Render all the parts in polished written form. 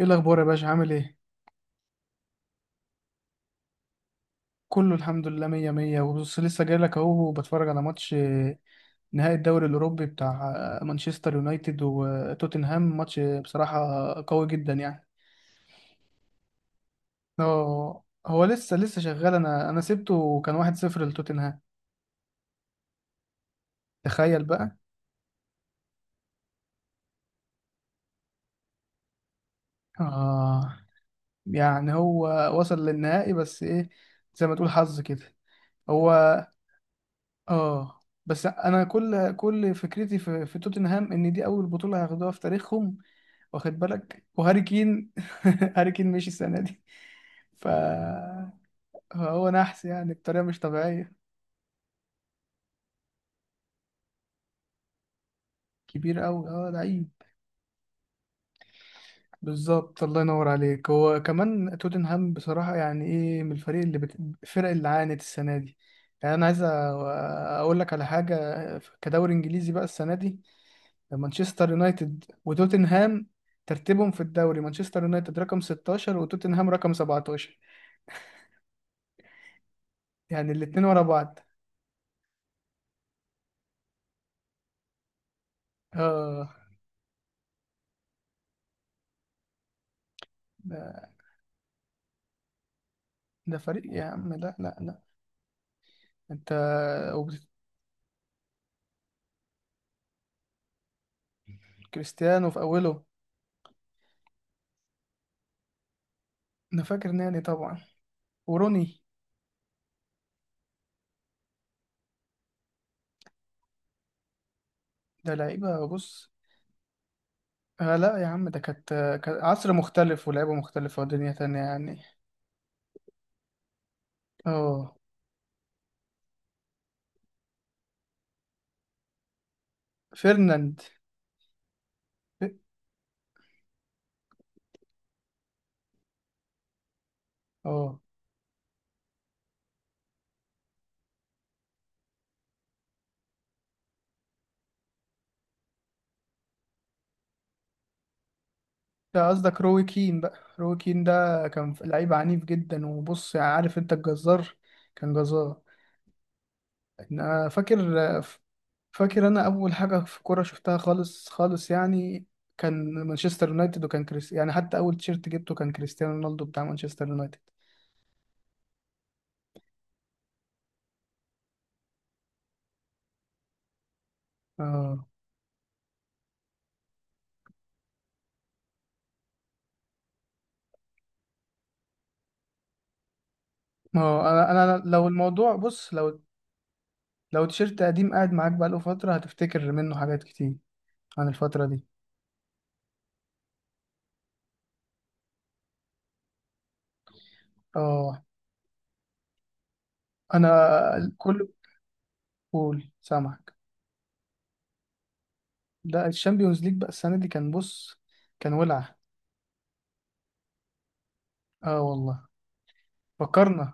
ايه الاخبار يا باشا؟ عامل ايه؟ كله الحمد لله، مية مية. وبص لسه جاي لك اهو، بتفرج على ماتش نهائي الدوري الاوروبي بتاع مانشستر يونايتد وتوتنهام. ماتش بصراحة قوي جدا يعني. اه، هو لسه شغال، انا سبته وكان 1-0 لتوتنهام. تخيل بقى. اه يعني هو وصل للنهائي، بس ايه، زي ما تقول حظ كده هو. اه بس انا كل فكرتي في توتنهام، ان دي اول بطوله هياخدوها في تاريخهم. واخد بالك؟ وهاري كين هاري كين مشي السنه دي، فهو نحس يعني، بطريقه مش طبيعيه. كبير قوي، اه لعيب. بالظبط، الله ينور عليك. هو كمان توتنهام بصراحه يعني ايه، من الفريق اللي. الفرق اللي عانت السنه دي. يعني انا عايز اقول لك على حاجه. كدوري انجليزي بقى السنه دي، مانشستر يونايتد وتوتنهام ترتيبهم في الدوري: مانشستر يونايتد رقم 16 وتوتنهام رقم 17. يعني الاتنين ورا بعض. اه، ده, ده فريق يا عم، لا لا لا. انت وب- كريستيانو في اوله. انا فاكر ناني طبعا، وروني. ده لعيبه بص. آه لا يا عم. ده كانت كان عصر مختلف ولعيبه مختلفه ودنيا تانية يعني. اه، فيرناند. اه ده قصدك روي كين بقى. روي كين ده كان لعيب عنيف جدا، وبص يعني عارف انت الجزار. كان جزار. انا فاكر. فاكر انا اول حاجه في كوره شفتها خالص خالص يعني، كان مانشستر يونايتد، وكان كريس، يعني حتى اول تيشيرت جبته كان كريستيانو رونالدو بتاع مانشستر يونايتد. اه، ما هو انا لو الموضوع بص، لو لو تيشيرت قديم قاعد معاك بقاله فتره هتفتكر منه حاجات كتير عن الفتره دي. اه انا كل. قول، سامعك. ده الشامبيونز ليج بقى السنة دي كان بص، كان ولع. اه والله، فكرنا.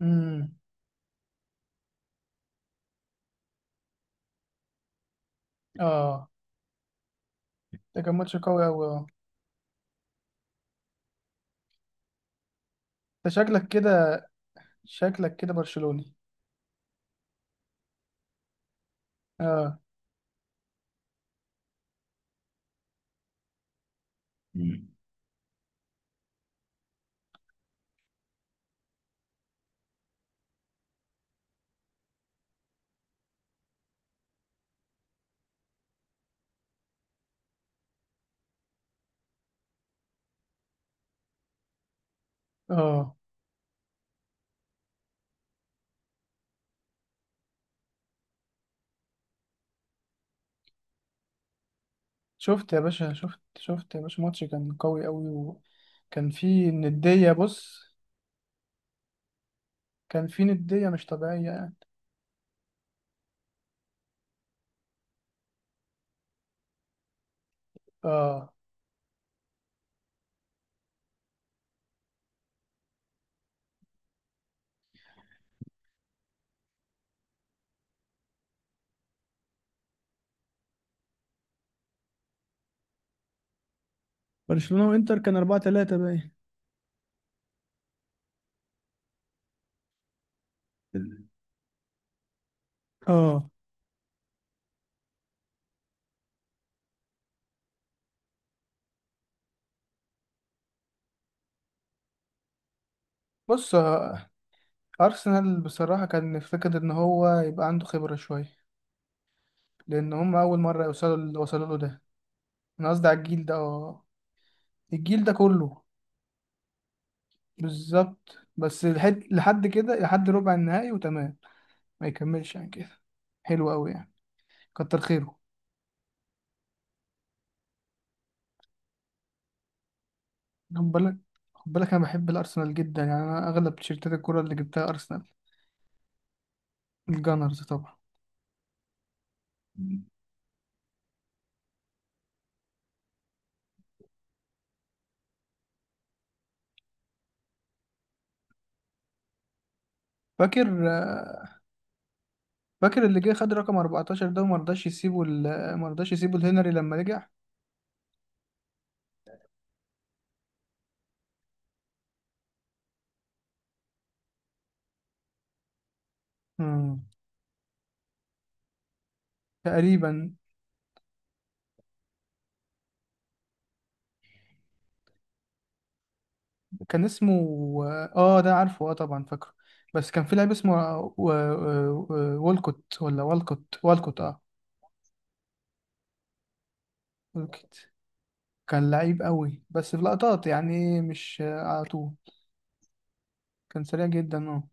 امم. اه ده كان ماتش قوي قوي، اه. ده شكلك كده، شكلك كده برشلوني. اه مم. اه. شفت يا باشا، شفت يا باشا، ماتش كان قوي قوي، وكان فيه ندية بص، كان فيه ندية مش طبيعية يعني. اه، برشلونة وانتر كان 4-3 باين. اه بص، أرسنال بصراحة كان فكرة إن هو يبقى عنده خبرة شوية، لان هم اول مره يوصلوا اللي وصلوا له ده. انا قصدي على الجيل ده، اه الجيل ده كله. بالظبط، بس لحد كده، لحد ربع النهائي وتمام، ما يكملش عن كده، حلو قوي يعني، كتر خيره. خد بالك خد بالك، انا بحب الارسنال جدا يعني، انا اغلب تيشيرتات الكوره اللي جبتها ارسنال. الجانرز طبعا. فاكر اللي جه خد رقم 14 ده، وما رضاش يسيبه ال- ما رضاش يسيبه الهنري لما رجع. مم. تقريبا. كان اسمه. اه ده عارفه، اه طبعا فاكره. بس كان في لاعب اسمه والكوت اه. والكوت كان لعيب قوي، بس في لقطات يعني، مش على طول. كان سريع جدا، اه.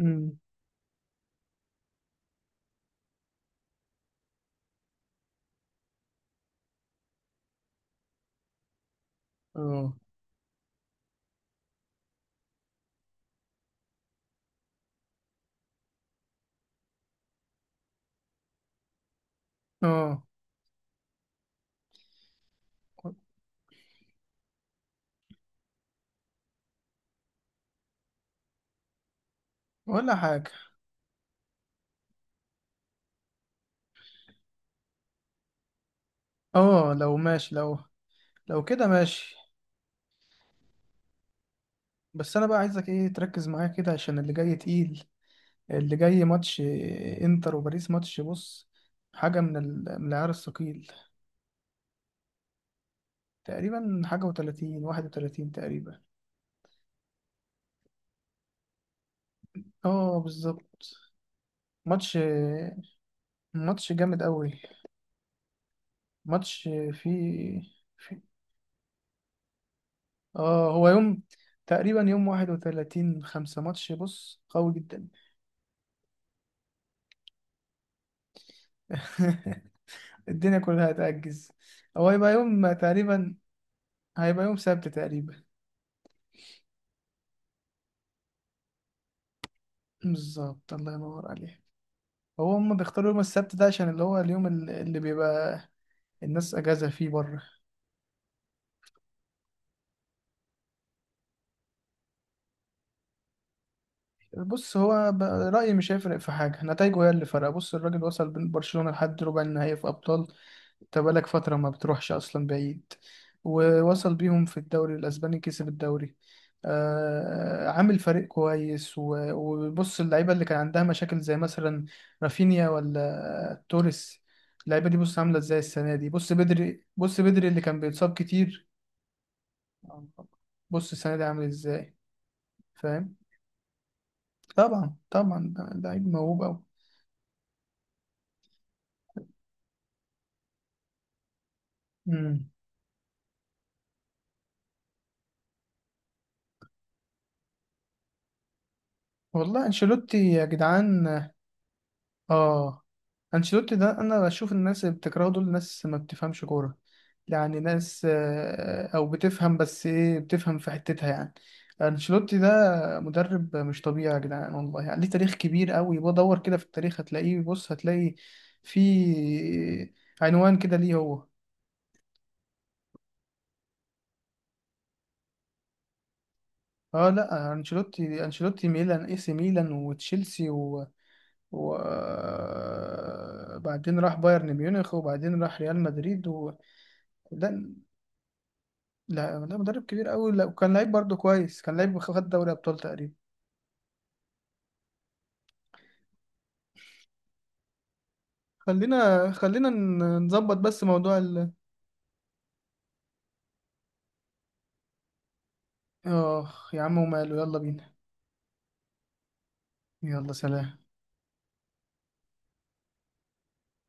أمم. اه. اه. ولا حاجة. اه لو ماشي، لو لو كده ماشي. بس انا بقى عايزك ايه، تركز معايا كده عشان اللي جاي تقيل. اللي جاي ماتش انتر وباريس. ماتش بص، حاجة من العيار الثقيل. تقريبا حاجة وتلاتين، 31 تقريبا. اه بالظبط. ماتش، ماتش جامد قوي. ماتش فيه، في، اه هو يوم تقريبا يوم 31، خمسة ماتش بص قوي جدا. الدنيا كلها هتأجز. هو هيبقى يوم تقريبا، هيبقى يوم سبت تقريبا. بالظبط، الله ينور عليك. هو هم بيختاروا يوم السبت ده عشان اللي هو اليوم اللي بيبقى الناس أجازة فيه بره. بص، هو رأيي مش هيفرق في حاجة، نتايجه هي اللي فرق. بص الراجل وصل بين برشلونة لحد ربع النهائي في أبطال. انت بقالك فترة ما بتروحش أصلا بعيد. ووصل بيهم في الدوري الأسباني، كسب الدوري. آه عامل فريق كويس وبص اللعيبة اللي كان عندها مشاكل زي مثلا رافينيا ولا توريس، اللعيبة دي بص عاملة ازاي السنة دي، بص بدري، بص بدري اللي كان بيتصاب كتير. بص السنة دي عامل ازاي، فاهم. طبعا طبعا، ده لعيب موهوب أوي. مم. والله انشيلوتي يا جدعان، اه. انشيلوتي ده، انا بشوف الناس اللي بتكرهه دول ناس ما بتفهمش كوره، يعني ناس او بتفهم، بس ايه، بتفهم في حتتها يعني. انشيلوتي ده مدرب مش طبيعي يا جدعان والله، يعني ليه تاريخ كبير قوي، بدور كده في التاريخ هتلاقيه، بص هتلاقي في عنوان كده ليه هو. اه لا، انشيلوتي ميلان، اي سي ميلان وتشيلسي، وبعدين راح بايرن ميونخ، وبعدين راح ريال مدريد. لا لا لا مدرب كبير قوي، لا وكان لعيب برضه كويس، كان لعيب خد دوري ابطال تقريبا. خلينا نظبط بس موضوع. اه يا عم وماله، يلا بينا. يلا سلام.